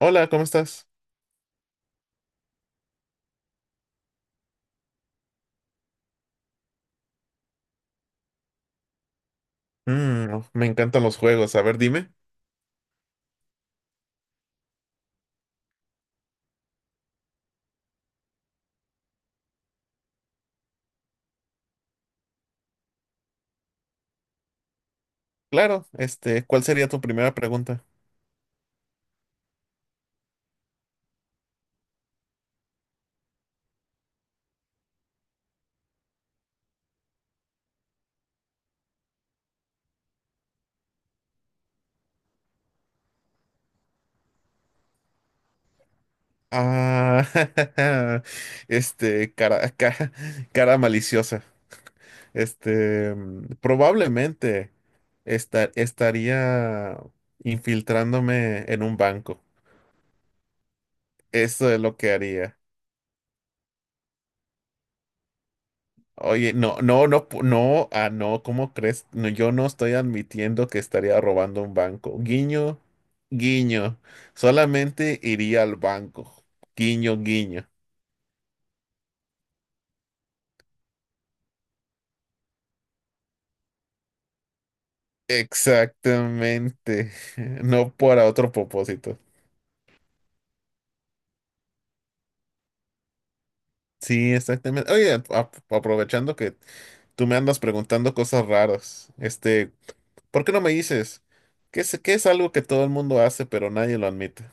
Hola, ¿cómo estás? Uf, me encantan los juegos. A ver, dime. Claro, ¿cuál sería tu primera pregunta? Ah, cara, cara, cara maliciosa. Probablemente estaría infiltrándome en un banco. Eso es lo que haría. Oye, no, no, no, no, ah, no, ¿cómo crees? No, yo no estoy admitiendo que estaría robando un banco. Guiño, guiño. Solamente iría al banco. Guiño, guiño. Exactamente. No para otro propósito. Sí, exactamente. Oye, aprovechando que tú me andas preguntando cosas raras, ¿por qué no me dices? ¿Qué es algo que todo el mundo hace pero nadie lo admite?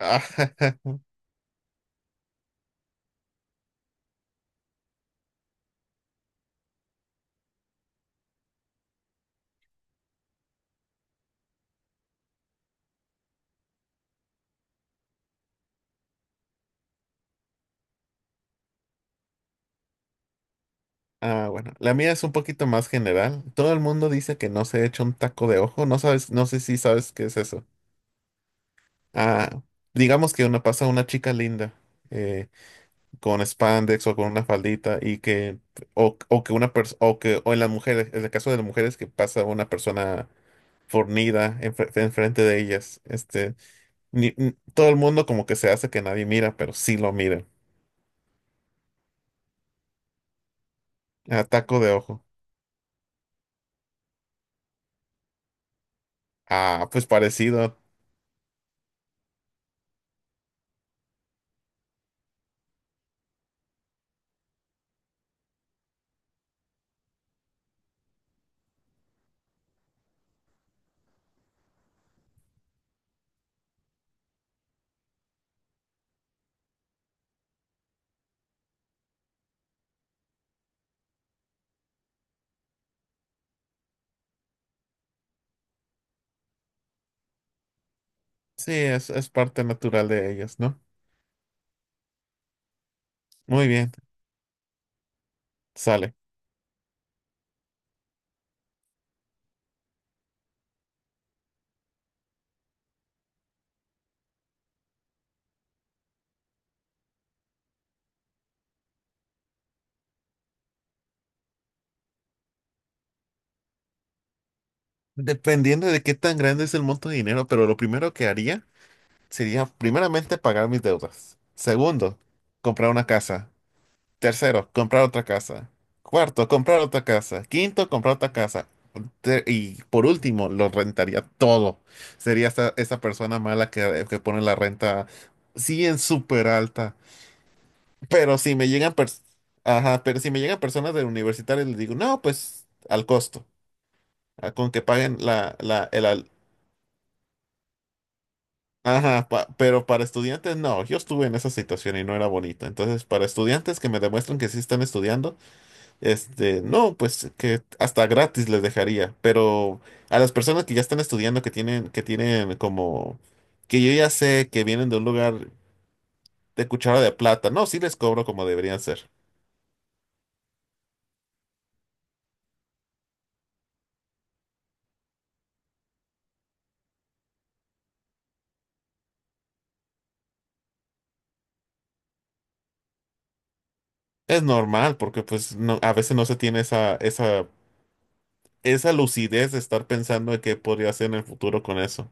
Ah, bueno, la mía es un poquito más general. Todo el mundo dice que no se echa un taco de ojo. No sabes, no sé si sabes qué es eso. Ah, digamos que una pasa una chica linda eh, con spandex o con una faldita y que o que una persona o que o en las mujeres, en el caso de las mujeres que pasa una persona enfrente de ellas. Todo el mundo como que se hace que nadie mira, pero sí lo mira. Ah, taco de ojo. Ah, pues parecido. Sí, es parte natural de ellas, ¿no? Muy bien, sale. Dependiendo de qué tan grande es el monto de dinero, pero lo primero que haría sería primeramente pagar mis deudas. Segundo, comprar una casa. Tercero, comprar otra casa. Cuarto, comprar otra casa. Quinto, comprar otra casa. Y por último, lo rentaría todo. Sería esa persona mala que pone la renta, sí, en súper alta. Pero si me llegan, pers- Ajá, pero si me llegan personas de universitarios, les digo, no, pues al costo. Ah, Con que paguen la, la, el, al- Ajá, pero para estudiantes no, yo estuve en esa situación y no era bonito. Entonces, para estudiantes que me demuestran que sí están estudiando, no, pues que hasta gratis les dejaría. Pero a las personas que ya están estudiando, que tienen como, que yo ya sé que vienen de un lugar de cuchara de plata, no, sí les cobro como deberían ser. Es normal, porque pues no, a veces no se tiene esa lucidez de estar pensando en qué podría hacer en el futuro con eso.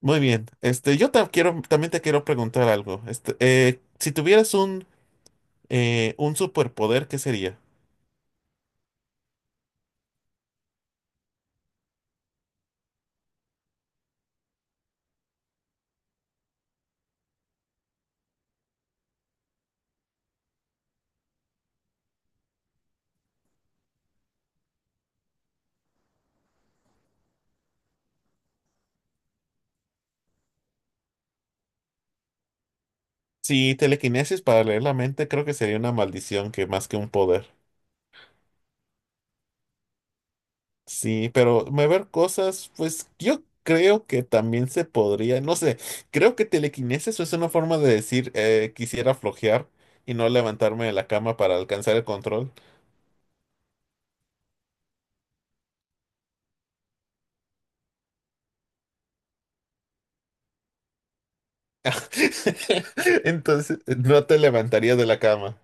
Muy bien. También te quiero preguntar algo. Este, Si tuvieras un superpoder, ¿qué sería? Si telequinesis para leer la mente, creo que sería una maldición que más que un poder. Sí, pero mover cosas, pues yo creo que también se podría, no sé, creo que telequinesis es una forma de decir quisiera flojear y no levantarme de la cama para alcanzar el control. Entonces, no te levantarías de la cama.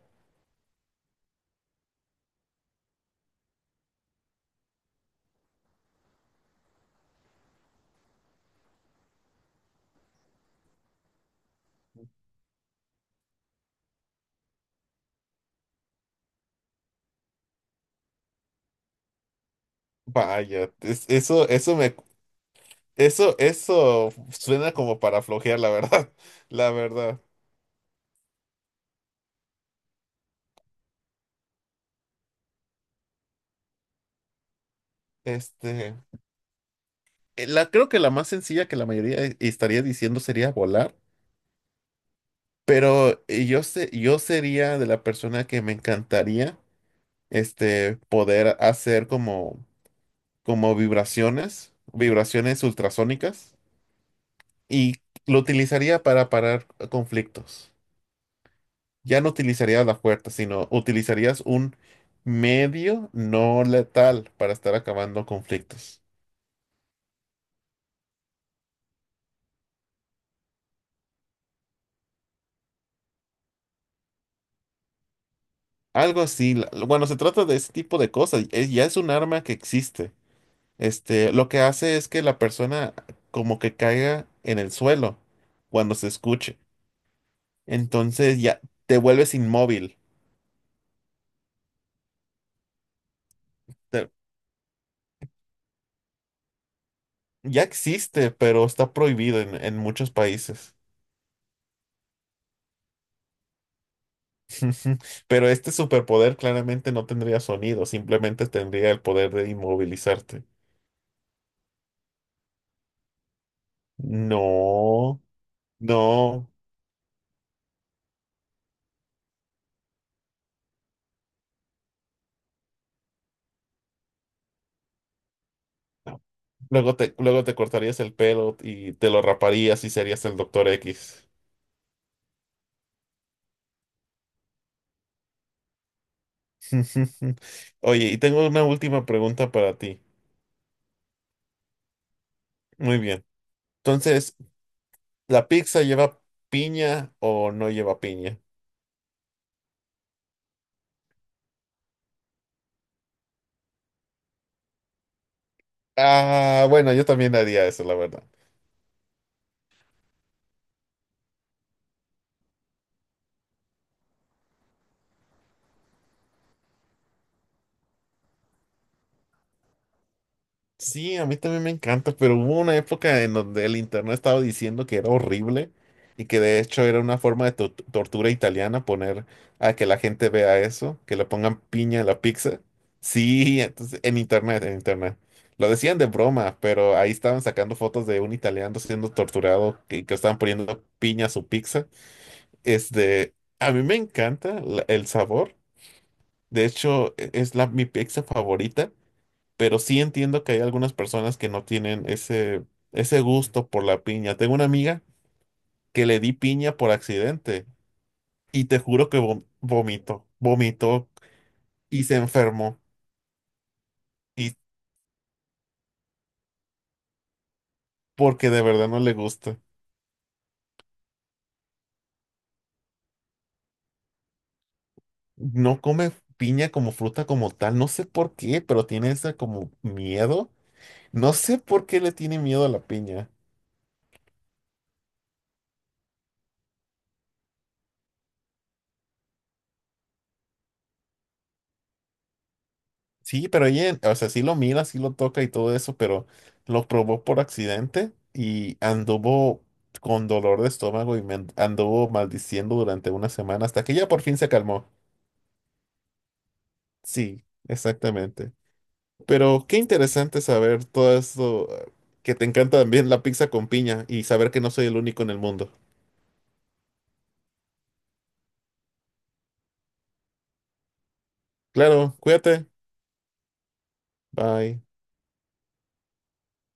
Vaya, es- eso me, Eso suena como para flojear, la verdad, la verdad. Este, Creo que la más sencilla que la mayoría estaría diciendo sería volar. Pero yo sé, yo sería de la persona que me encantaría poder hacer como vibraciones, vibraciones ultrasónicas, y lo utilizaría para parar conflictos. Ya no utilizaría la fuerza, sino utilizarías un medio no letal para estar acabando conflictos. Algo así. Bueno, se trata de ese tipo de cosas. Ya es un arma que existe. Lo que hace es que la persona como que caiga en el suelo cuando se escuche. Entonces ya te vuelves inmóvil. Te- ya existe, pero está prohibido en muchos países. Pero este superpoder claramente no tendría sonido, simplemente tendría el poder de inmovilizarte. No, no, no. Luego luego te cortarías el pelo y te lo raparías y serías el Doctor X. Oye, y tengo una última pregunta para ti. Muy bien. Entonces, ¿la pizza lleva piña o no lleva piña? Ah, bueno, yo también haría eso, la verdad. Sí, a mí también me encanta, pero hubo una época en donde el internet estaba diciendo que era horrible y que de hecho era una forma de tortura italiana poner a que la gente vea eso, que le pongan piña a la pizza. Sí, entonces en internet, en internet. Lo decían de broma, pero ahí estaban sacando fotos de un italiano siendo torturado que estaban poniendo piña a su pizza. A mí me encanta el sabor. De hecho, es mi pizza favorita, pero sí entiendo que hay algunas personas que no tienen ese gusto por la piña. Tengo una amiga que le di piña por accidente y te juro que vomitó, vomitó y se enfermó y porque de verdad no le gusta. No come piña como fruta como tal, no sé por qué, pero tiene esa como miedo. No sé por qué le tiene miedo a la piña. Sí, pero ella, o sea, sí lo mira, sí lo toca y todo eso, pero lo probó por accidente y anduvo con dolor de estómago y anduvo maldiciendo durante una semana hasta que ya por fin se calmó. Sí, exactamente. Pero qué interesante saber todo esto, que te encanta también la pizza con piña y saber que no soy el único en el mundo. Claro, cuídate. Bye.